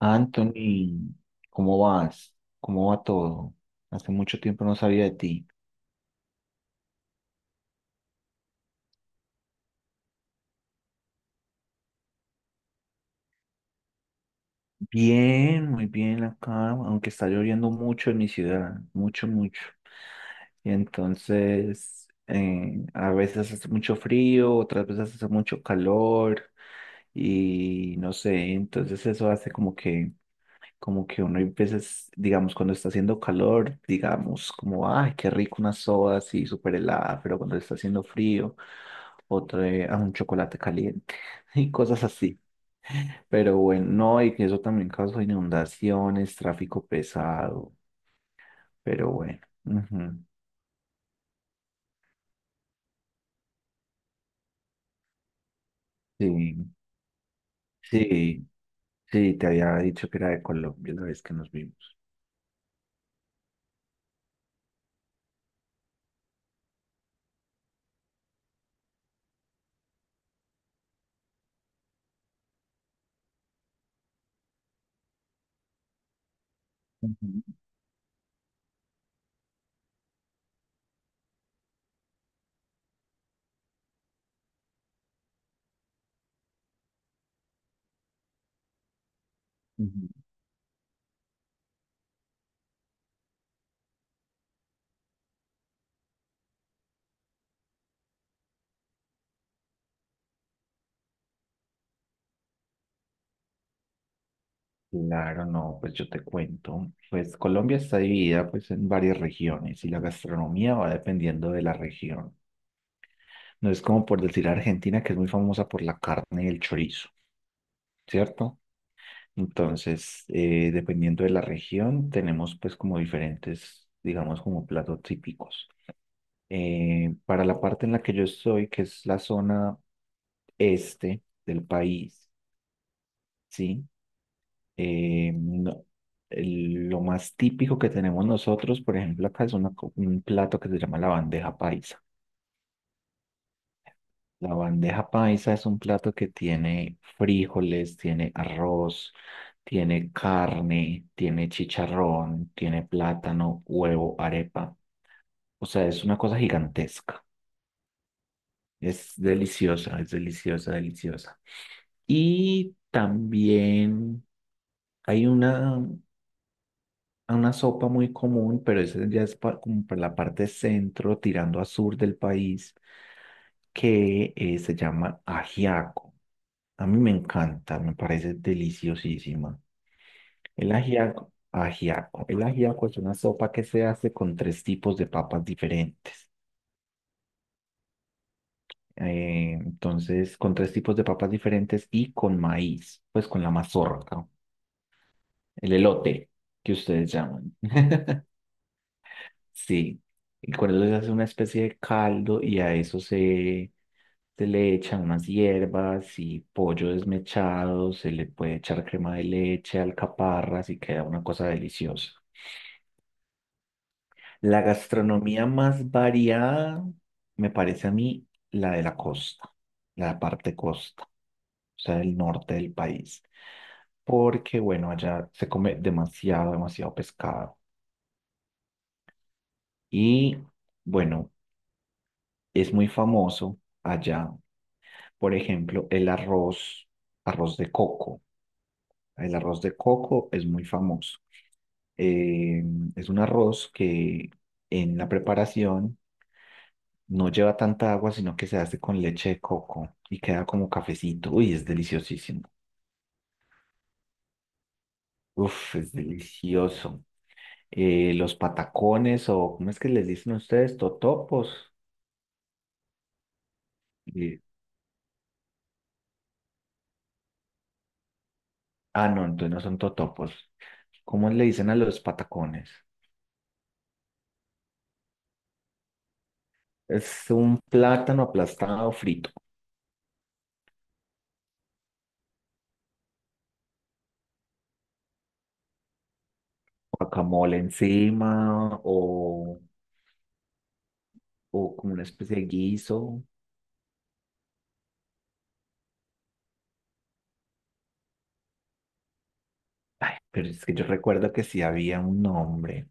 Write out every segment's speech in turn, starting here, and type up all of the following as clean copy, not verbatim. Anthony, ¿cómo vas? ¿Cómo va todo? Hace mucho tiempo no sabía de ti. Bien, muy bien acá, aunque está lloviendo mucho en mi ciudad, mucho, mucho. Y entonces, a veces hace mucho frío, otras veces hace mucho calor y no sé, entonces eso hace como que uno a veces, digamos, cuando está haciendo calor, digamos, como, ay, qué rico una soda así súper helada, pero cuando está haciendo frío, otra a un chocolate caliente y cosas así. Pero bueno, no, y que eso también causó inundaciones, tráfico pesado, pero bueno. Ujú. Sí, sí, sí, te había dicho que era de Colombia la vez que nos vimos. Ujú, ujú. Claro, no, pues yo te cuento. Pues Colombia está dividida pues en varias regiones y la gastronomía va dependiendo de la región. No es como por decir Argentina, que es muy famosa por la carne y el chorizo, ¿cierto? Entonces, dependiendo de la región, tenemos pues como diferentes, digamos, como platos típicos. Para la parte en la que yo estoy, que es la zona este del país, ¿sí? Eh, no- lo más típico que tenemos nosotros, por ejemplo, acá es una un plato que se llama la bandeja paisa. La bandeja paisa es un plato que tiene frijoles, tiene arroz, tiene carne, tiene chicharrón, tiene plátano, huevo, arepa. O sea, es una cosa gigantesca. Es deliciosa, deliciosa. Y también hay una sopa muy común, pero esa ya es como para la parte centro, tirando a sur del país, que se llama ajiaco. A mí me encanta, me parece deliciosísima. El ajiaco, ajiaco. El ajiaco es una sopa que se hace con tres tipos de papas diferentes. Entonces, con tres tipos de papas diferentes y con maíz, pues con la mazorca, el elote que ustedes llaman. Sí, y con eso se hace una especie de caldo y a eso se le echan unas hierbas y pollo desmechado, se le puede echar crema de leche, alcaparras y queda una cosa deliciosa. La gastronomía más variada me parece a mí la de la costa, la parte costa, o sea, el norte del país, porque bueno, allá se come demasiado, demasiado pescado y bueno, es muy famoso allá, por ejemplo, el arroz, arroz de coco. El arroz de coco es muy famoso. Eh, es un arroz que en la preparación no lleva tanta agua, sino que se hace con leche de coco y queda como cafecito. Uy, es deliciosísimo. Uf, es delicioso. Los patacones o, ¿cómo es que les dicen ustedes? Totopos. Eh, ah, no, entonces no son totopos. ¿Cómo le dicen a los patacones? Es un plátano aplastado frito, guacamole encima o como una especie de guiso. Ay, pero es que yo recuerdo que sí había un nombre.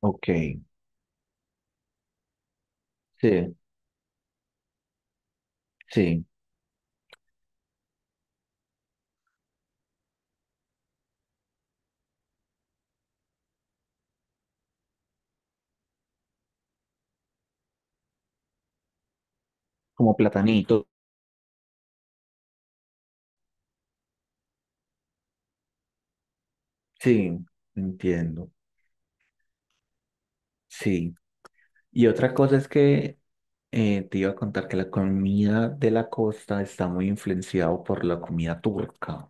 Ok, sí, sí. Como platanito. Sí, entiendo. Sí. Y otra cosa es que te iba a contar que la comida de la costa está muy influenciada por la comida turca.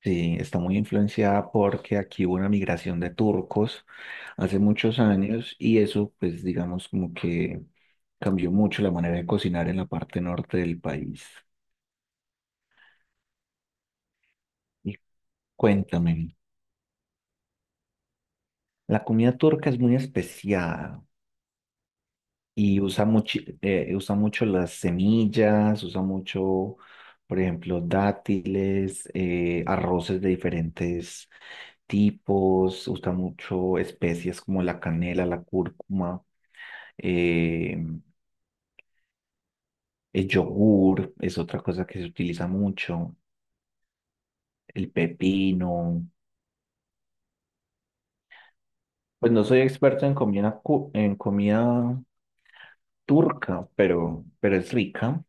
Sí, está muy influenciada porque aquí hubo una migración de turcos hace muchos años y eso, pues, digamos, como que cambió mucho la manera de cocinar en la parte norte del país. Y cuéntame, la comida turca es muy especial. Y usa mucho las semillas, usa mucho, por ejemplo, dátiles, arroces de diferentes tipos, usa mucho especies como la canela, la cúrcuma, eh, el yogur es otra cosa que se utiliza mucho, el pepino. Pues no soy experto en comida, en comida turca, pero es rica.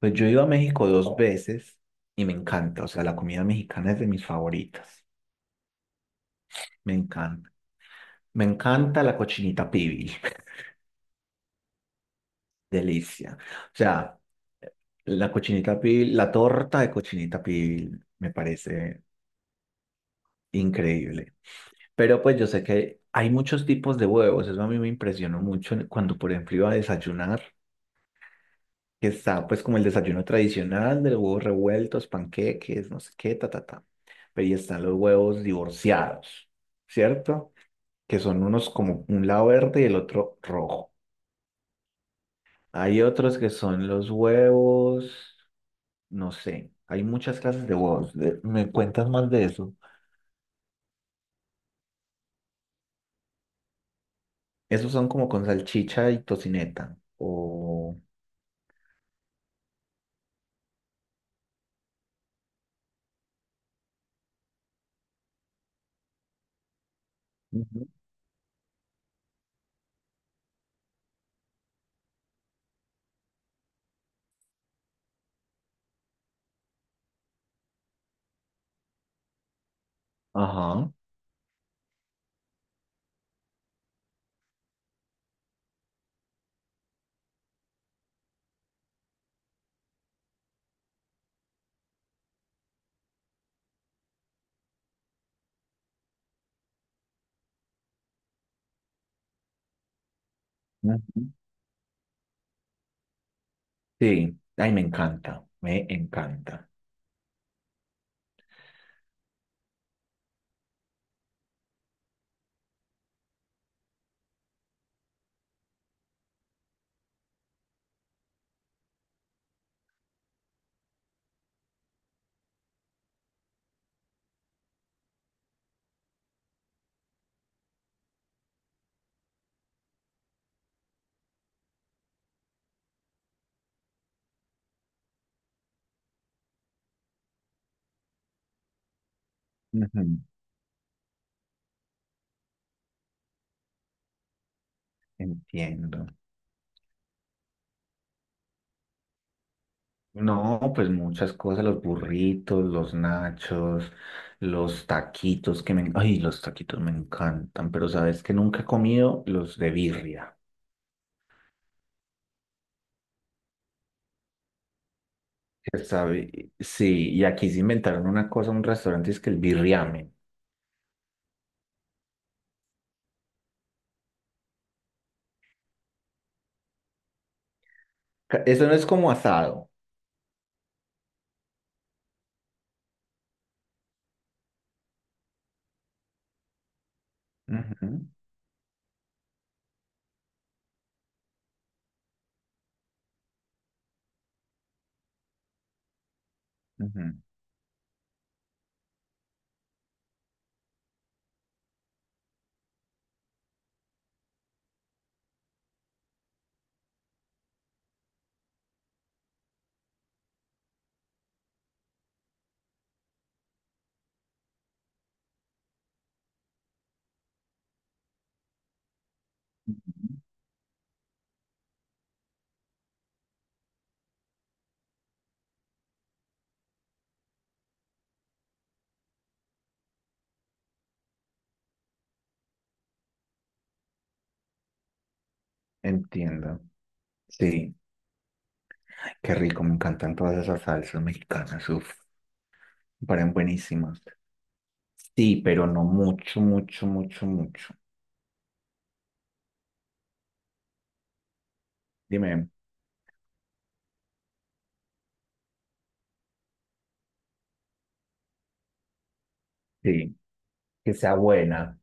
Pues yo he ido a México dos veces y me encanta, o sea, la comida mexicana es de mis favoritas, me encanta. Me encanta la cochinita pibil, delicia. O sea, la cochinita pibil, la torta de cochinita pibil me parece increíble. Pero pues yo sé que hay muchos tipos de huevos, eso a mí me impresionó mucho cuando, por ejemplo, iba a desayunar, que está pues como el desayuno tradicional de los huevos revueltos, panqueques, no sé qué, ta, ta, ta. Pero ahí están los huevos divorciados, ¿cierto? Que son unos como un lado verde y el otro rojo. Hay otros que son los huevos, no sé, hay muchas clases de huevos. ¿Me cuentas más de eso? Esos son como con salchicha y tocineta. O... Ujú. Ajá. Ujú. Sí, ay, me encanta, me encanta. Ujú. Entiendo. No, pues muchas cosas, los burritos, los nachos, los taquitos que me... Ay, los taquitos me encantan, pero sabes que nunca he comido los de birria. Sí, y aquí se inventaron una cosa, un restaurante, es que el birriame. Eso no es como asado. Ujú, ujú, entiendo. Sí, qué rico, me encantan todas esas salsas mexicanas, uf, me parecen buenísimas. Sí, pero no mucho, mucho, mucho, mucho. Dime, sí, que sea buena.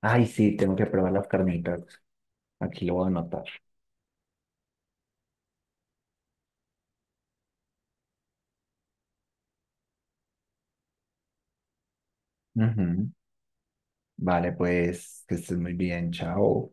Ay, sí, tengo que probar las carnitas. Aquí lo voy a anotar. Ujú. Vale, pues que estés muy bien. Chao.